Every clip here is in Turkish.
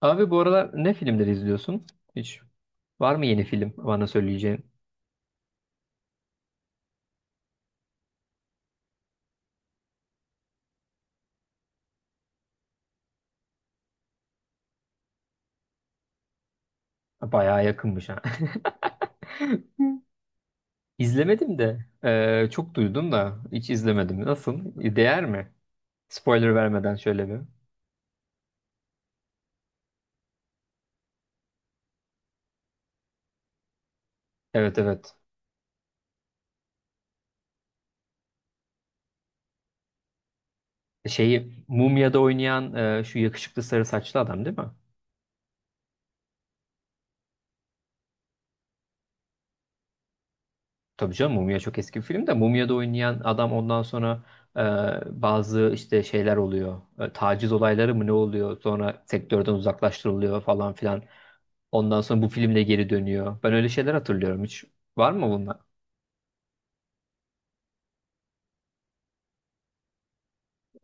Abi bu aralar ne filmleri izliyorsun? Hiç var mı yeni film bana söyleyeceğin? Bayağı yakınmış ha. İzlemedim de çok duydum da hiç izlemedim. Nasıl? Değer mi? Spoiler vermeden şöyle bir. Evet evet. Şeyi Mumya'da oynayan şu yakışıklı sarı saçlı adam değil mi? Tabii canım, Mumya çok eski bir film de Mumya'da oynayan adam ondan sonra bazı işte şeyler oluyor. E, taciz olayları mı ne oluyor? Sonra sektörden uzaklaştırılıyor falan filan. Ondan sonra bu filmle geri dönüyor. Ben öyle şeyler hatırlıyorum. Hiç var mı bunlar?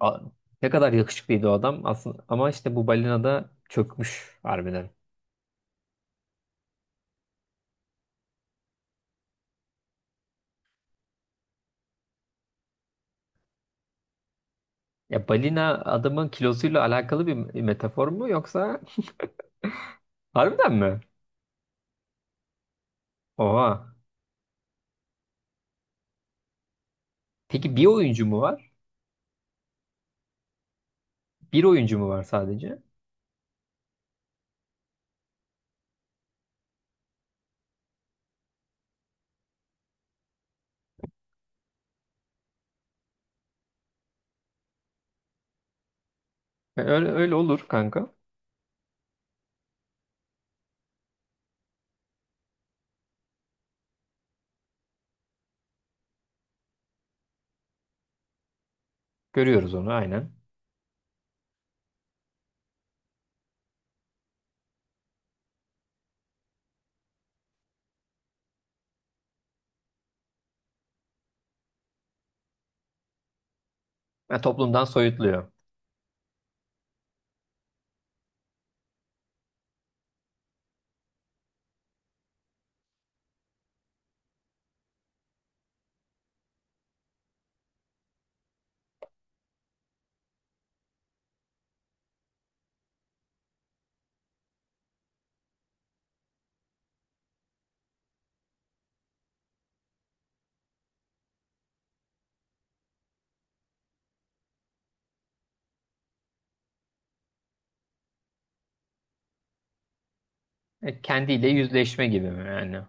A- Ne kadar yakışıklıydı o adam aslında, ama işte bu balina da çökmüş harbiden. Ya balina adamın kilosuyla alakalı bir metafor mu, yoksa harbiden mi? Oha. Peki bir oyuncu mu var? Bir oyuncu mu var sadece? Öyle, öyle olur kanka. Görüyoruz onu aynen. E, toplumdan soyutluyor. E, kendiyle yüzleşme gibi mi yani?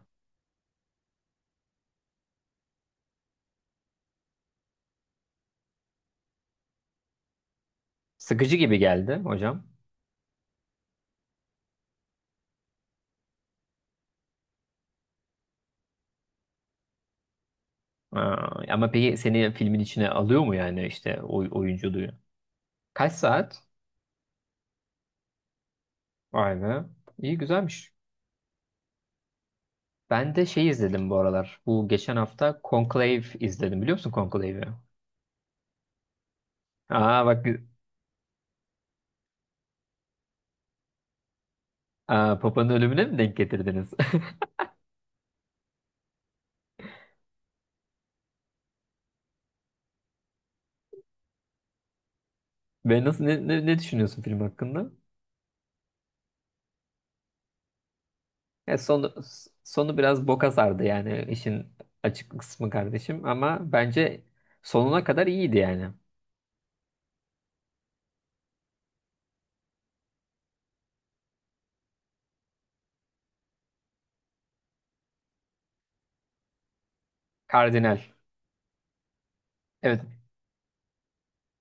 Sıkıcı gibi geldi hocam. Aa, ama peki seni filmin içine alıyor mu, yani işte oyunculuğu? Kaç saat? Vay be. İyi güzelmiş. Ben de şey izledim bu aralar. Bu geçen hafta Conclave izledim. Biliyor musun Conclave'i? Aa bak. Aa, Papa'nın ölümüne mi denk getirdiniz? Ben nasıl ne düşünüyorsun film hakkında? Ya sonu biraz boka sardı yani, işin açık kısmı kardeşim, ama bence sonuna kadar iyiydi yani. Kardinal. Evet.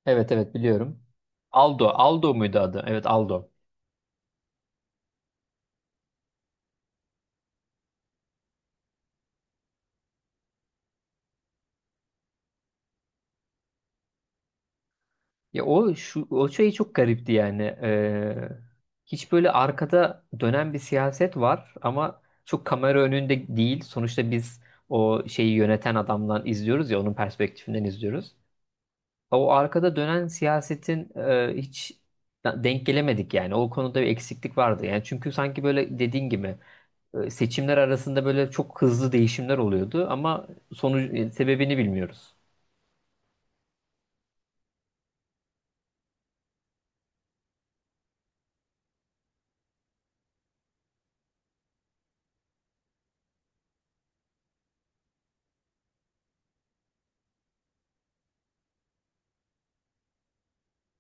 Evet evet biliyorum. Aldo. Aldo muydu adı? Evet Aldo. Ya o şu o şey çok garipti yani. Hiç böyle arkada dönen bir siyaset var ama çok kamera önünde değil. Sonuçta biz o şeyi yöneten adamdan izliyoruz ya, onun perspektifinden izliyoruz. O arkada dönen siyasetin hiç denk gelemedik yani. O konuda bir eksiklik vardı. Yani çünkü sanki böyle dediğin gibi seçimler arasında böyle çok hızlı değişimler oluyordu ama sonucu sebebini bilmiyoruz.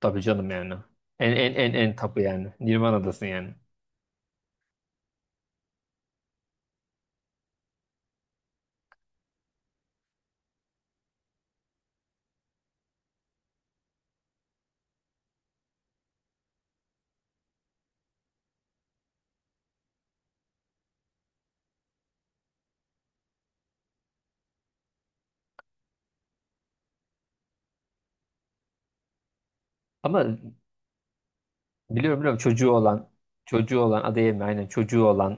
Tabii canım yani. En en en en tapı yani. Nirvana'dasın yani. Ama biliyorum çocuğu olan, çocuğu olan Adeyemi, aynen çocuğu olan.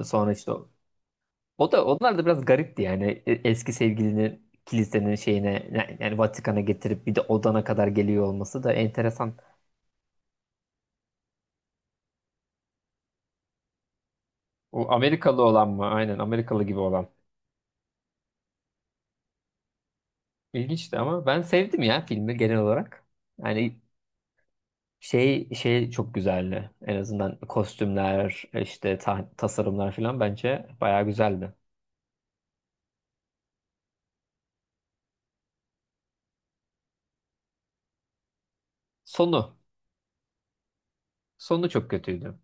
Sonra işte o da, onlar da biraz garipti yani. Eski sevgilini kilisenin şeyine, yani Vatikan'a getirip bir de odana kadar geliyor olması da enteresan. O Amerikalı olan mı? Aynen Amerikalı gibi olan. İlginçti ama ben sevdim ya filmi genel olarak. Yani şey çok güzeldi. En azından kostümler, işte tasarımlar falan bence bayağı güzeldi. Sonu sonu çok kötüydü.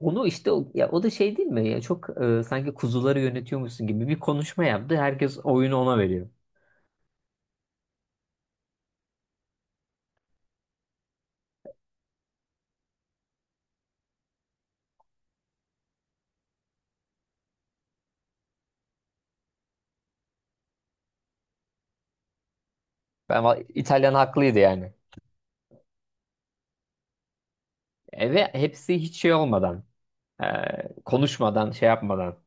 Onu işte ya o da şey değil mi? Ya çok sanki kuzuları yönetiyormuşsun gibi bir konuşma yaptı. Herkes oyunu ona veriyor. Ben İtalyan haklıydı yani. E, ve hepsi hiç şey olmadan, e, konuşmadan, şey yapmadan.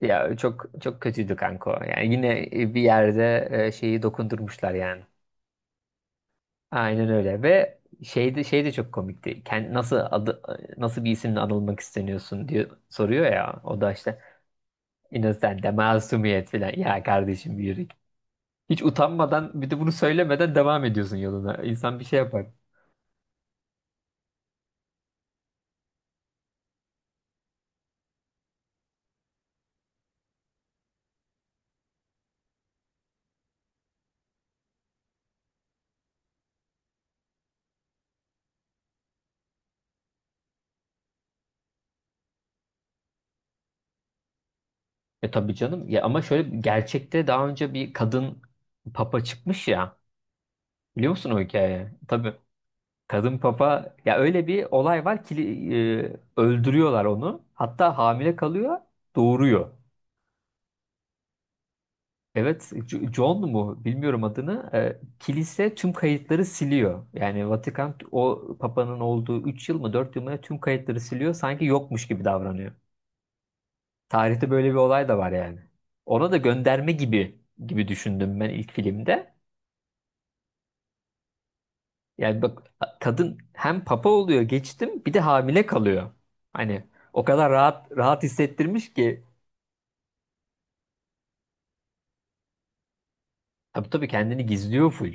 Ya çok çok kötüydü kanka. O. Yani yine bir yerde şeyi dokundurmuşlar yani. Aynen öyle, ve şey de çok komikti. Nasıl adı, nasıl bir isimle anılmak isteniyorsun diye soruyor ya. O da işte Innocent, masumiyet falan. Ya kardeşim yürü. Hiç utanmadan bir de bunu söylemeden devam ediyorsun yoluna. İnsan bir şey yapar. E tabii canım. Ya ama şöyle, gerçekte daha önce bir kadın papa çıkmış ya. Biliyor musun o hikayeyi? Tabii. Kadın papa, ya öyle bir olay var ki öldürüyorlar onu. Hatta hamile kalıyor, doğuruyor. Evet, John mu bilmiyorum adını. E, kilise tüm kayıtları siliyor. Yani Vatikan o papanın olduğu 3 yıl mı, 4 yıl mı ne tüm kayıtları siliyor. Sanki yokmuş gibi davranıyor. Tarihte böyle bir olay da var yani. Ona da gönderme gibi düşündüm ben ilk filmde. Yani bak, kadın hem papa oluyor, geçtim bir de hamile kalıyor. Hani o kadar rahat rahat hissettirmiş ki, tabii tabii kendini gizliyor full.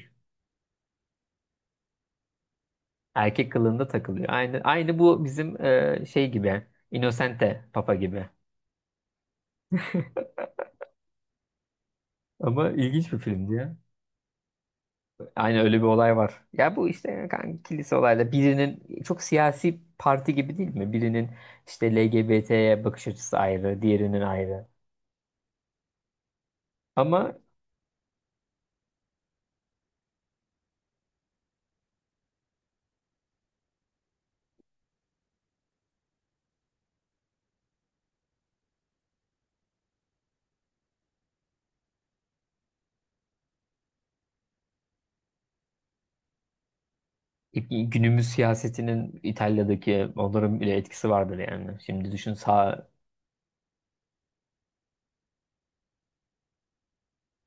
Erkek kılığında takılıyor. Aynı bu bizim şey gibi, Innocente Papa gibi. Ama ilginç bir filmdi ya. Aynı öyle bir olay var. Ya bu işte kanka, kilise olayla birinin çok siyasi parti gibi değil mi? Birinin işte LGBT'ye bakış açısı ayrı, diğerinin ayrı. Ama günümüz siyasetinin İtalya'daki onların bile etkisi vardır yani. Şimdi düşün, sağ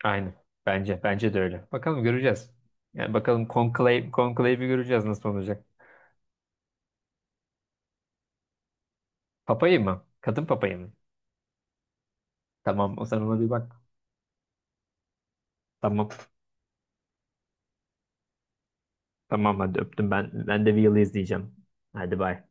aynı. Bence de öyle. Bakalım göreceğiz. Yani bakalım konklave'i göreceğiz nasıl olacak. Papayı mı? Kadın papayı mı? Tamam, o sen ona bir bak. Tamam. Tamam hadi öptüm ben. Ben de Wheel'i izleyeceğim. Hadi bay.